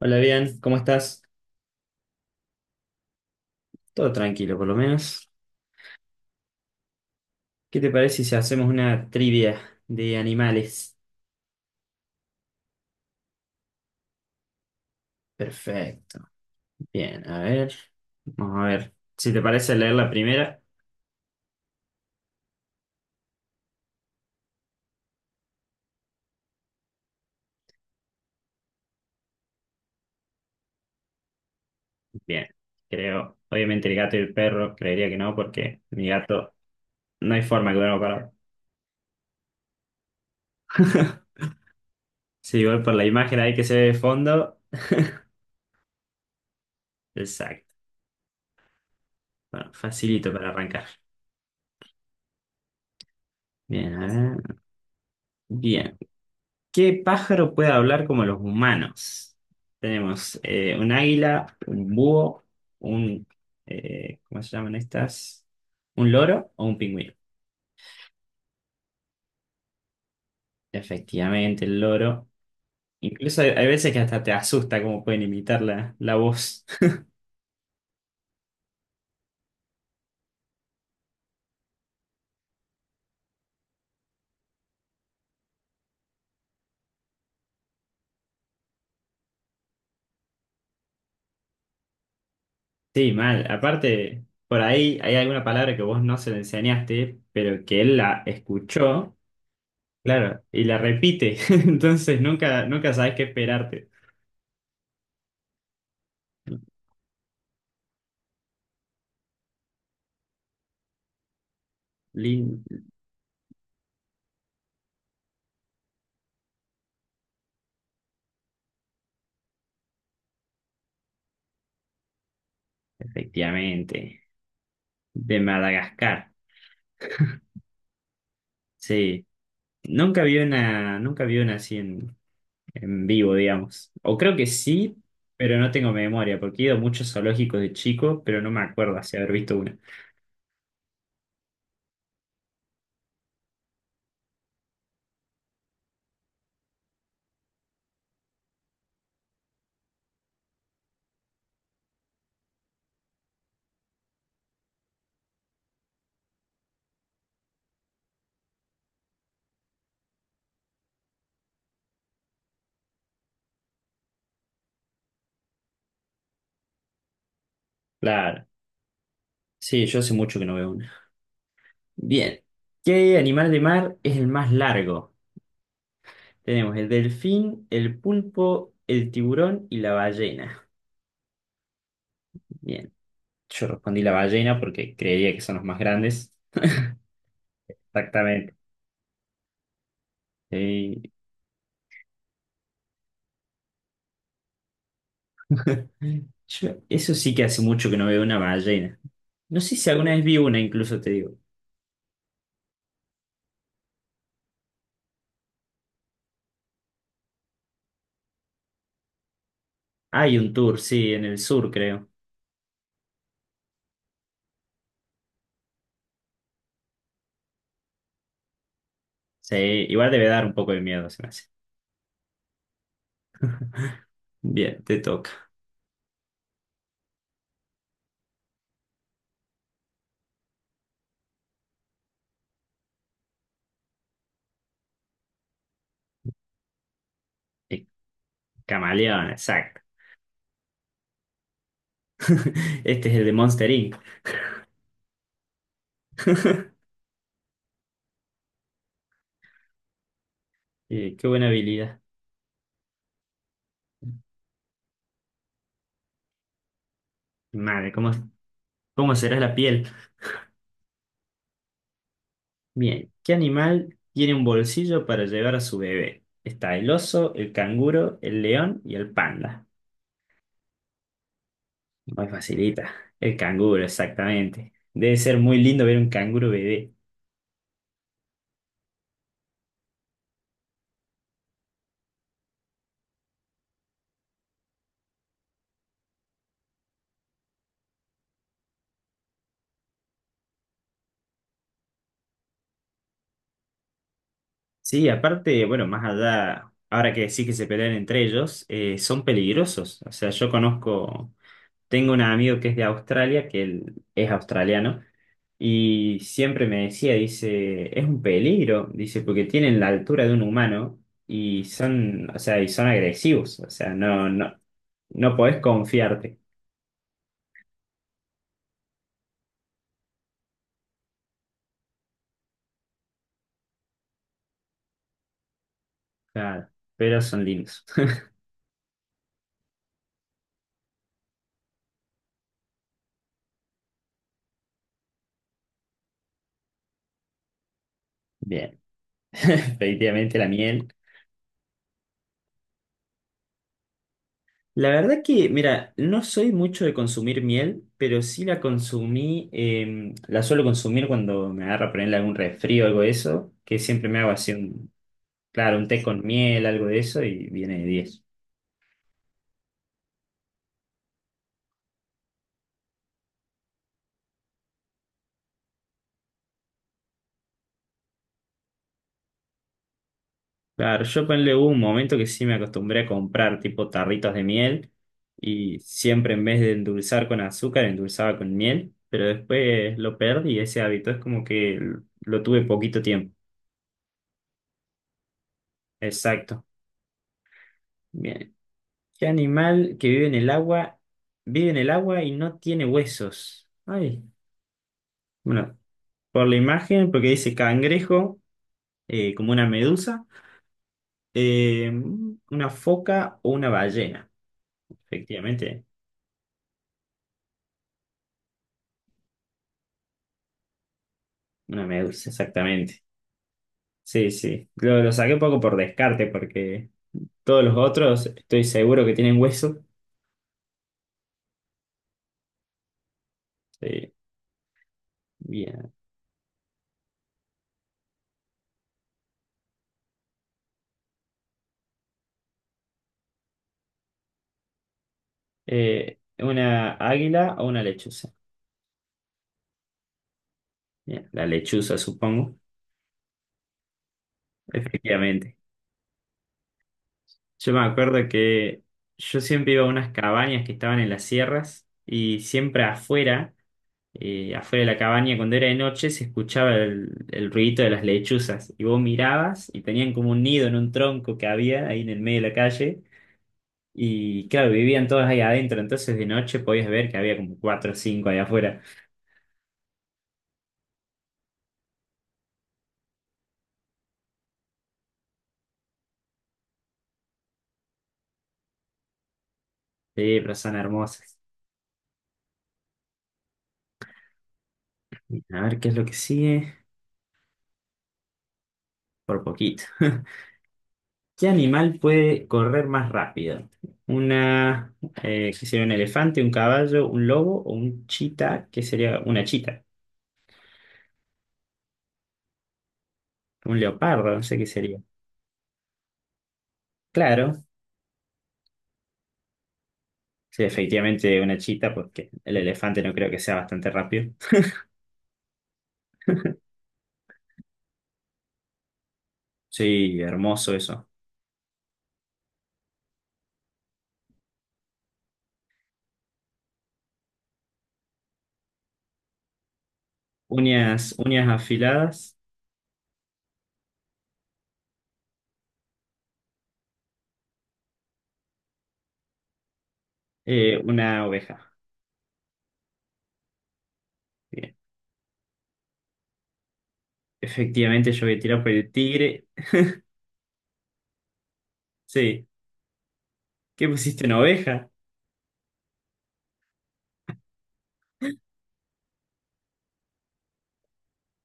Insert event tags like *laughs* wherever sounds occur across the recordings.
Hola, bien, ¿cómo estás? Todo tranquilo, por lo menos. ¿Qué te parece si hacemos una trivia de animales? Perfecto. Bien, a ver. Vamos a ver. Si te parece leer la primera, bien. Creo, obviamente el gato y el perro, creería que no, porque mi gato no hay forma que duerma parado. *laughs* Sí, igual por la imagen ahí que se ve de fondo. Exacto. Bueno, facilito para arrancar. Bien, a ver. Bien. ¿Qué pájaro puede hablar como los humanos? Tenemos un águila, un búho, un... ¿cómo se llaman estas? ¿Un loro o un pingüino? Efectivamente, el loro. Incluso hay veces que hasta te asusta cómo pueden imitar la voz. *laughs* Sí, mal. Aparte, por ahí hay alguna palabra que vos no se le enseñaste, pero que él la escuchó, claro, y la repite. *laughs* Entonces nunca, nunca sabes qué esperarte. Lin, efectivamente. De Madagascar, sí. Nunca vi una así en vivo, digamos. O creo que sí, pero no tengo memoria, porque he ido a muchos zoológicos de chico, pero no me acuerdo así haber visto una. Claro. Sí, yo hace mucho que no veo una. Bien. ¿Qué animal de mar es el más largo? Tenemos el delfín, el pulpo, el tiburón y la ballena. Bien. Yo respondí la ballena porque creía que son los más grandes. Exactamente. Sí. Eso sí que hace mucho que no veo una ballena. No sé si alguna vez vi una, incluso te digo. Hay un tour, sí, en el sur, creo. Sí, igual debe dar un poco de miedo, se me hace. Bien, te toca. Eh, Camaleón, exacto. *laughs* Este es el de Monster Inc. *laughs* Qué buena habilidad. Madre, ¿cómo será la piel? Bien, ¿qué animal tiene un bolsillo para llevar a su bebé? Está el oso, el canguro, el león y el panda. Muy facilita. El canguro, exactamente. Debe ser muy lindo ver un canguro bebé. Sí, aparte, bueno, más allá, ahora que sí que se pelean entre ellos, son peligrosos. O sea, yo conozco, tengo un amigo que es de Australia, que él es australiano, y siempre me decía, dice, es un peligro, dice, porque tienen la altura de un humano y son, o sea, y son agresivos. O sea, no, no, no podés confiarte. Claro, pero son lindos. Bien, *laughs* efectivamente la miel. La verdad que, mira, no soy mucho de consumir miel, pero sí la consumí, la suelo consumir cuando me agarra ponerle algún resfrío o algo de eso, que siempre me hago así, claro, un té con miel, algo de eso, y viene de diez. Claro, yo ponle hubo un momento que sí me acostumbré a comprar tipo tarritos de miel, y siempre en vez de endulzar con azúcar, endulzaba con miel, pero después lo perdí ese hábito, es como que lo tuve poquito tiempo. Exacto. Bien, ¿qué animal que vive en el agua y no tiene huesos? Ay, bueno, por la imagen, porque dice cangrejo, como una medusa, eh, una foca o una ballena. Efectivamente, una medusa, exactamente. Sí, sí. Lo saqué un poco por descarte, porque todos los otros estoy seguro que tienen huesos. Sí, bien. ¿Una águila o una lechuza? Bien, la lechuza, supongo. Efectivamente. Yo me acuerdo que yo siempre iba a unas cabañas que estaban en las sierras y siempre afuera de la cabaña, cuando era de noche, se escuchaba el ruidito de las lechuzas y vos mirabas y tenían como un nido en un tronco que había ahí en el medio de la calle y claro, vivían todas ahí adentro, entonces de noche podías ver que había como cuatro o cinco ahí afuera. Sí, pero son hermosas. A ver qué es lo que sigue, por poquito. ¿Qué animal puede correr más rápido? Una, ¿Qué sería un elefante, un caballo, un lobo o un chita? ¿Qué sería una chita? Un leopardo, no sé qué sería. Claro, sí, efectivamente una chita, porque el elefante no creo que sea bastante rápido. Sí, hermoso eso. Uñas afiladas, una oveja. Bien. Efectivamente yo voy a tirar por el tigre. Sí. ¿Qué pusiste, una oveja?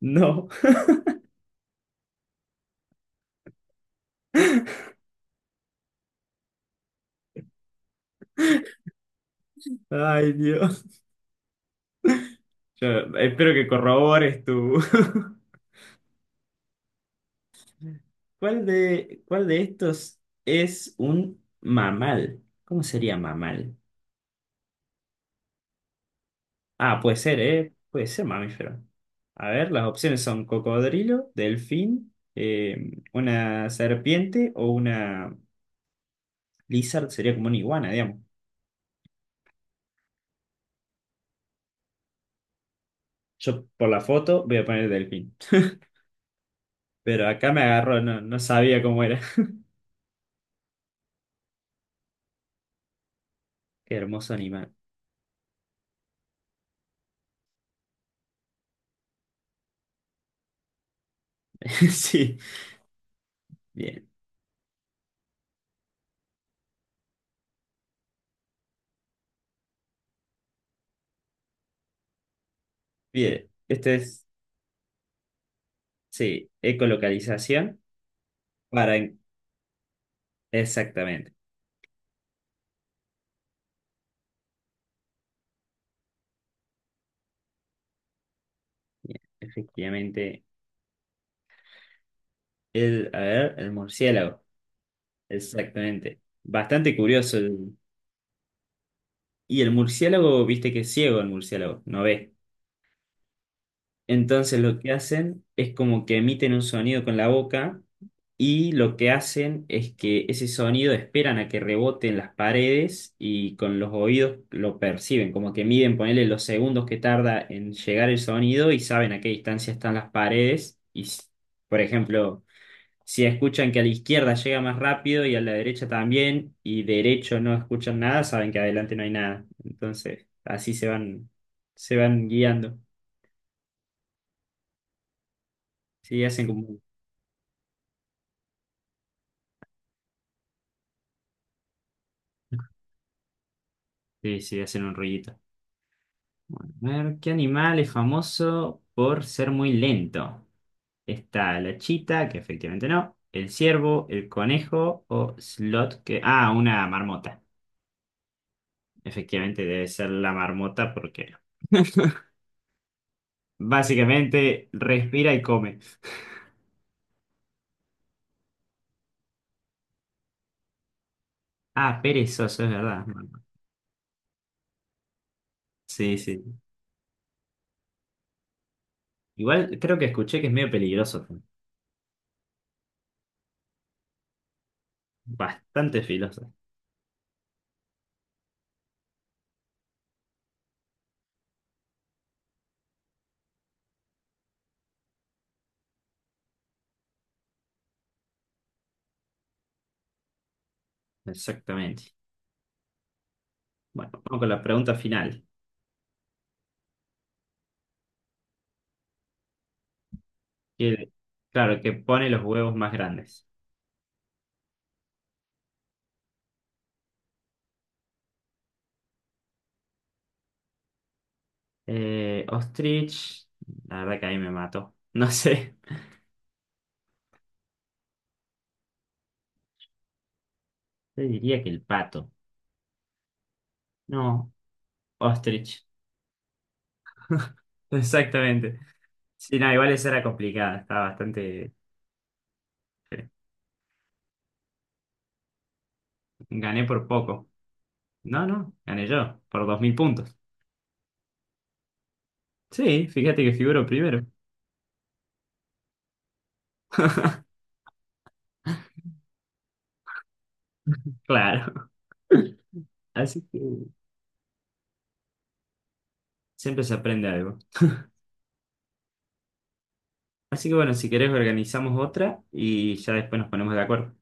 No. *laughs* Ay, Dios. Yo espero que corrobores tu... *laughs* ¿Cuál de estos es un mamal? ¿Cómo sería mamal? Ah, puede ser, ¿eh? Puede ser mamífero. A ver, las opciones son cocodrilo, delfín, una serpiente o una lizard, sería como una iguana, digamos. Yo por la foto voy a poner delfín. Pero acá me agarró, no, no sabía cómo era. *laughs* Qué hermoso animal. *laughs* Sí, bien, bien. Este es, sí, ecolocalización. Para, exactamente. Bien, efectivamente, a ver, el murciélago. Exactamente. Bastante curioso. Y el murciélago, viste que es ciego el murciélago, no ve. Entonces lo que hacen es como que emiten un sonido con la boca y lo que hacen es que ese sonido esperan a que rebote en las paredes y con los oídos lo perciben, como que miden, ponerle los segundos que tarda en llegar el sonido y saben a qué distancia están las paredes y por ejemplo. Si escuchan que a la izquierda llega más rápido y a la derecha también, y derecho no escuchan nada, saben que adelante no hay nada. Entonces, así se van guiando. Sí, sí, sí, hacen un rollito. Bueno, a ver, ¿qué animal es famoso por ser muy lento? Está la chita, que efectivamente no, el ciervo, el conejo o slot, que, una marmota. Efectivamente debe ser la marmota porque *laughs* básicamente respira y come. Ah, perezoso, es verdad. Bueno, sí, sí. Igual creo que escuché que es medio peligroso. Bastante filoso. Exactamente. Bueno, vamos con la pregunta final. Que- claro, que pone los huevos más grandes. Ostrich, la verdad que ahí me mato. No sé. *laughs* Yo diría que el pato. No, ostrich. *laughs* Exactamente. Sí, no, igual esa era complicada. Estaba bastante. eh, Gané por poco. No, no, gané yo, por 2000 puntos. Sí, fíjate que figuro primero. Claro. *laughs* Así que siempre se aprende algo. Así que bueno, si querés organizamos otra y ya después nos ponemos de acuerdo.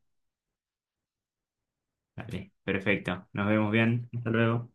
Dale, perfecto. Nos vemos bien. Hasta luego.